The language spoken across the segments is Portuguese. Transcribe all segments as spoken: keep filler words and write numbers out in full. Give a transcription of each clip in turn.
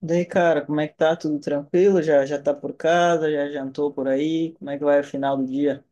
Daí, cara, como é que tá? Tudo tranquilo? Já já tá por casa? Já jantou por aí? Como é que vai o final do dia?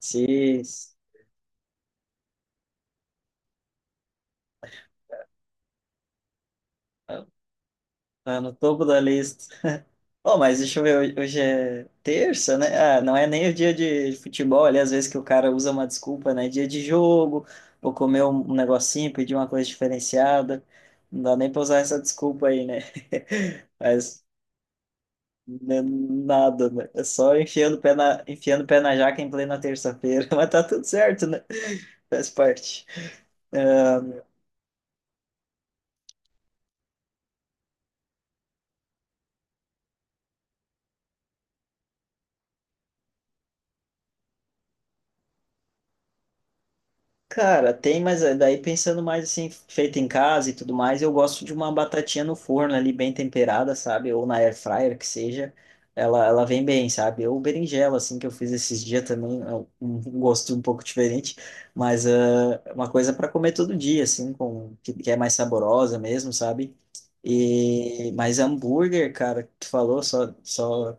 Sim, tá tá no topo da lista. Oh, mas deixa eu ver, hoje é terça, né? Ah, não é nem o dia de futebol, ali às vezes que o cara usa uma desculpa, né? Dia de jogo, vou comer um um negocinho, pedir uma coisa diferenciada. Não dá nem pra usar essa desculpa aí, né? Mas né, nada, né? É só enfiando o pé na, enfiando o pé na jaca em plena terça-feira. Mas tá tudo certo, né? Faz parte. Ah, cara, tem, mas eh, daí pensando mais assim, feita em casa e tudo mais, eu gosto de uma batatinha no forno ali, bem temperada, sabe? Ou na air fryer, que seja. Ela, ela vem bem, sabe? Ou berinjela, assim, que eu fiz esses dias também, é um um gosto um pouco diferente, mas ah, é uma coisa para comer todo dia, assim, com, que, que é mais saborosa mesmo, sabe? E, mas hambúrguer, cara, tu falou, só, só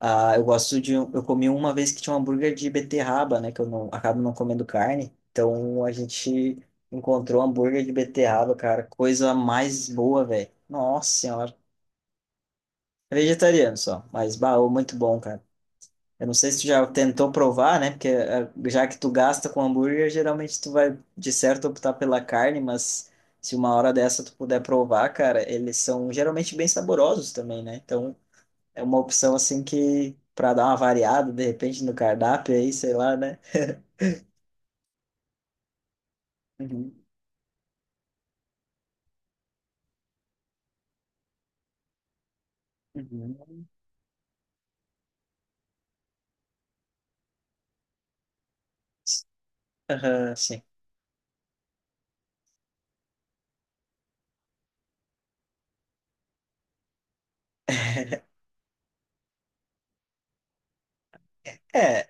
Ah, eu gosto de. um- Eu comi uma vez que tinha um hambúrguer de beterraba, né? Que eu não, acabo não comendo carne. Então a gente encontrou hambúrguer de beterraba, cara. Coisa mais boa, velho. Nossa senhora. É vegetariano só, mas baú muito bom, cara. Eu não sei se tu já tentou provar, né? Porque eh, já que tu gasta com hambúrguer, geralmente tu vai de certo optar pela carne, mas se uma hora dessa tu puder provar, cara, eles são geralmente bem saborosos também, né? Então é uma opção assim que para dar uma variada de repente no cardápio aí, sei lá, né? Uhum. Uhum. Aham, sim. É,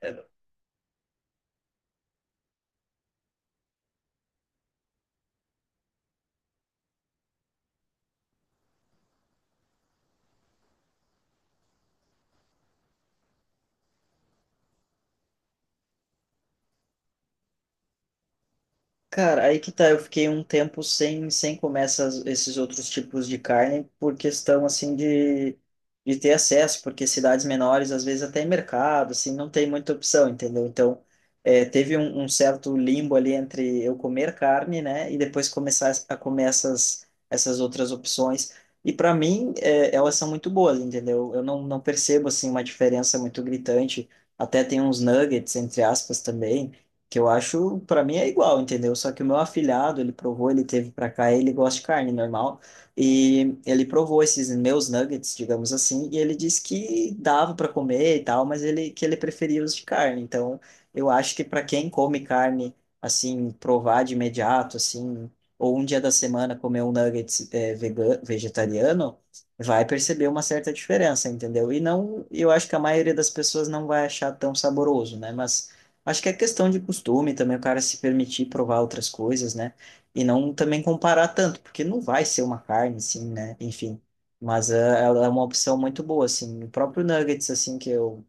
cara, aí que tá, eu fiquei um tempo sem, sem comer essas, esses outros tipos de carne por questão, assim, de, de ter acesso, porque cidades menores, às vezes até em mercado, assim, não tem muita opção, entendeu? Então, é, teve um, um certo limbo ali entre eu comer carne, né, e depois começar a comer essas, essas outras opções. E para mim, é, elas são muito boas, entendeu? Eu não, não percebo, assim, uma diferença muito gritante. Até tem uns nuggets, entre aspas, também, que eu acho, pra mim é igual, entendeu? Só que o meu afilhado, ele provou, ele teve pra cá, ele gosta de carne normal, e ele provou esses meus nuggets, digamos assim, e ele disse que dava pra comer e tal, mas ele que ele preferia os de carne. Então, eu acho que pra quem come carne, assim, provar de imediato, assim, ou um dia da semana comer um nugget é, vegano, vegetariano, vai perceber uma certa diferença, entendeu? E não, eu acho que a maioria das pessoas não vai achar tão saboroso, né? Mas acho que é questão de costume também, o cara se permitir provar outras coisas, né? E não também comparar tanto, porque não vai ser uma carne, assim, né? Enfim. Mas eh, ela é uma opção muito boa, assim. O próprio nuggets, assim, que eu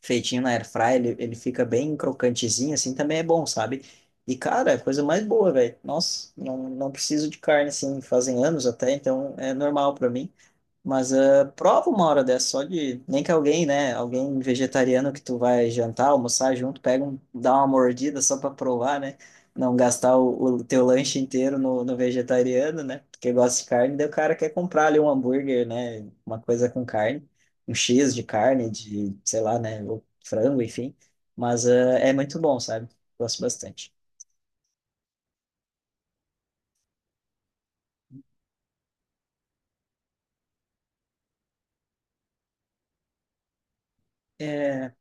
feitinho na air fry, ele, ele fica bem crocantezinho, assim, também é bom, sabe? E, cara, é a coisa mais boa, velho. Nossa, não, não preciso de carne, assim, fazem anos até, então é normal pra mim. Mas ah, prova uma hora dessa só de. Nem que alguém, né? Alguém vegetariano que tu vai jantar, almoçar junto, pega um, dá uma mordida só pra provar, né? Não gastar o, o teu lanche inteiro no, no vegetariano, né? Porque gosta de carne, daí o cara quer comprar ali um hambúrguer, né? Uma coisa com carne, um X de carne, de, sei lá, né? Ou frango, enfim. Mas ah, é muito bom, sabe? Gosto bastante. É,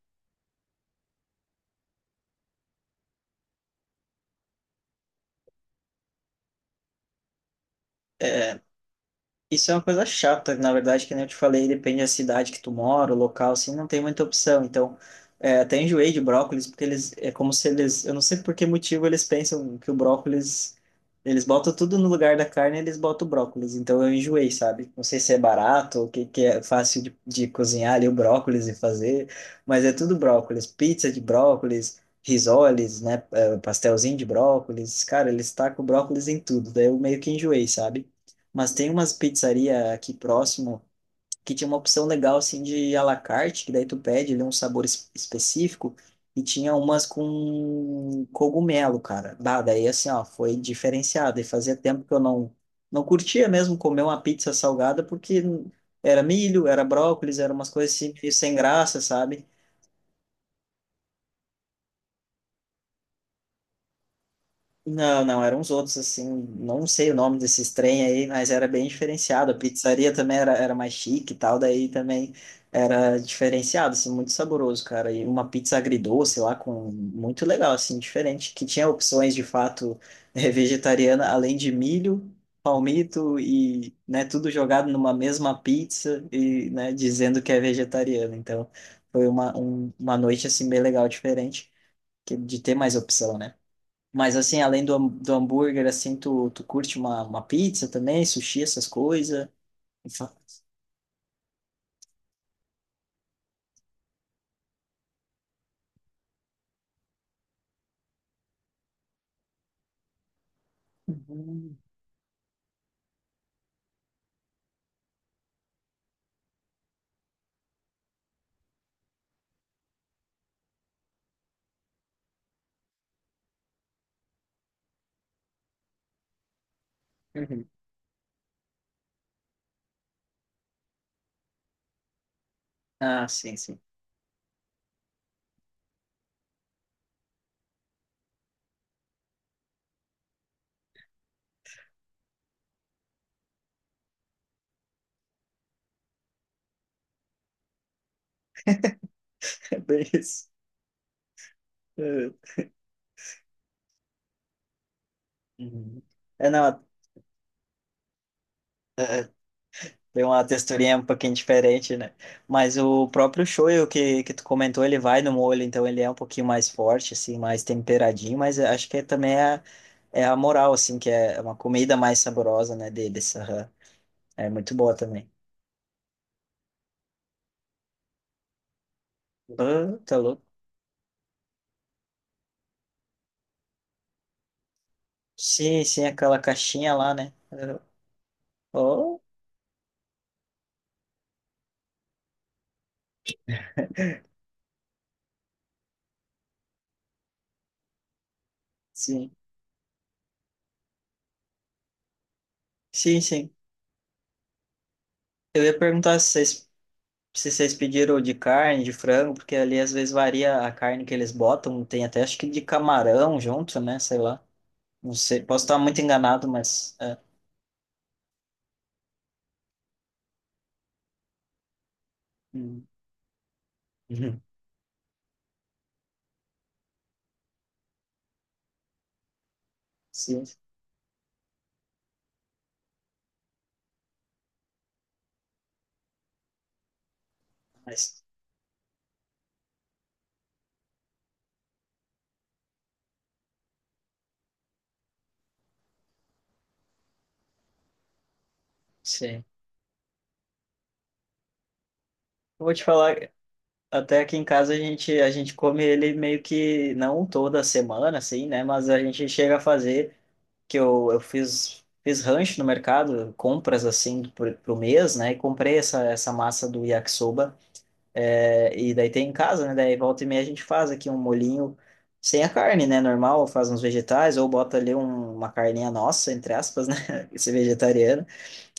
isso é uma coisa chata, na verdade, que nem eu te falei, depende da cidade que tu mora, o local, assim, não tem muita opção. Então, é, até enjoei de brócolis, porque eles, é como se eles, eu não sei por que motivo eles pensam que o brócolis, eles botam tudo no lugar da carne, eles botam o brócolis. Então, eu enjoei, sabe? Não sei se é barato, o que, que é fácil de, de cozinhar ali o brócolis e fazer, mas é tudo brócolis, pizza de brócolis, risoles, né, é, pastelzinho de brócolis. Cara, eles tacam brócolis em tudo, daí eu meio que enjoei, sabe? Mas tem umas pizzaria aqui próximo que tinha uma opção legal assim de à la carte, que daí tu pede ali um sabor es- específico e tinha umas com cogumelo, cara. Bah, daí assim, ó, foi diferenciado e fazia tempo que eu não não curtia mesmo comer uma pizza salgada porque era milho, era brócolis, era umas coisas assim meio sem graça, sabe? Não, não, eram uns outros assim, não sei o nome desses trem aí, mas era bem diferenciado. A pizzaria também era, era mais chique e tal, daí também era diferenciado, assim, muito saboroso, cara. E uma pizza agridoce lá com muito legal, assim, diferente, que tinha opções de fato eh, vegetariana, além de milho, palmito e, né, tudo jogado numa mesma pizza e, né, dizendo que é vegetariano. Então, foi uma, um- uma noite assim bem legal, diferente, que de ter mais opção, né? Mas assim, além do, ham- do hambúrguer, assim, tu, tu curte uma, uma pizza também, sushi, essas coisas? Uhum. Uhum. Ah, sim, sim. É bem isso. É. Uhum. É, não, tem uma texturinha um pouquinho diferente, né? Mas o próprio shoyu que, que tu comentou, ele vai no molho, então ele é um pouquinho mais forte, assim, mais temperadinho, mas eu acho que é também é, a- é a moral, assim, que é uma comida mais saborosa, né, deles. Aham. É muito boa também. Ah, tá louco. Sim, sim, aquela caixinha lá, né? Eu- Oh, sim. Sim, sim. Eu ia perguntar se vocês, se vocês pediram de carne, de frango, porque ali às vezes varia a carne que eles botam. Tem até acho que de camarão junto, né? Sei lá. Não sei. Posso estar muito enganado, mas. É. Hum. Uhum. Sim, mas. Sim. Eu vou te falar, até aqui em casa a gente, a gente come ele meio que não toda semana, assim, né? Mas a gente chega a fazer. Que eu, eu fiz, fiz rancho no mercado, compras assim pro, pro mês, né? E comprei essa, essa massa do yakisoba. É, e daí tem em casa, né? Daí volta e meia a gente faz aqui um molhinho sem a carne, né? Normal, faz uns vegetais ou bota ali um- uma carninha nossa, entre aspas, né? Esse vegetariano.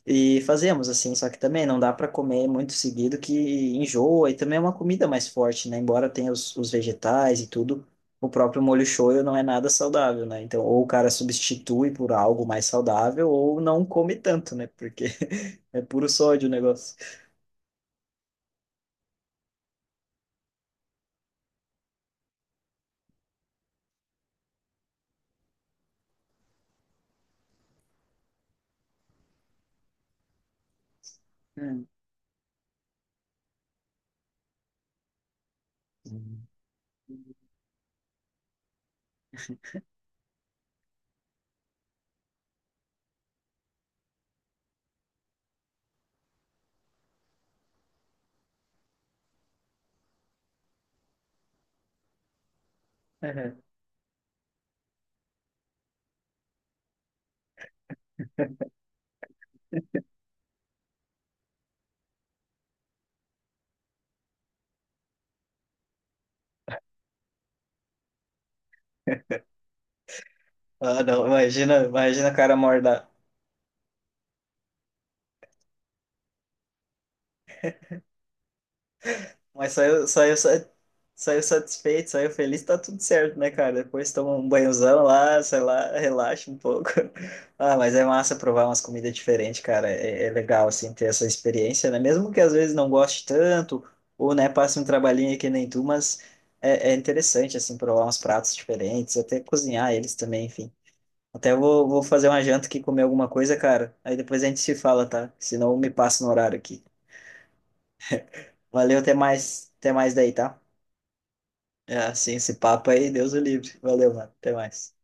E fazemos assim, só que também não dá para comer muito seguido que enjoa e também é uma comida mais forte, né? Embora tenha os, os vegetais e tudo, o próprio molho shoyu não é nada saudável, né? Então, ou o cara substitui por algo mais saudável ou não come tanto, né? Porque é puro sódio o negócio. Hum. Uhum. Ah, não, imagina, imagina o cara morda, mas saiu, saiu, sa- saiu satisfeito, saiu feliz, tá tudo certo, né, cara? Depois toma um banhozão lá, sei lá, relaxa um pouco. Ah, mas é massa provar umas comidas diferentes, cara. É, é legal, assim, ter essa experiência, né? Mesmo que às vezes não goste tanto, ou, né, passe um trabalhinho que nem tu, mas é, é interessante, assim, provar uns pratos diferentes, até cozinhar eles também, enfim. Até vou, vou fazer uma janta aqui, comer alguma coisa, cara. Aí depois a gente se fala, tá? Senão eu me passo no horário aqui. Valeu, até mais, até mais daí, tá? É, assim, esse papo aí, Deus o livre. Valeu, mano. Até mais.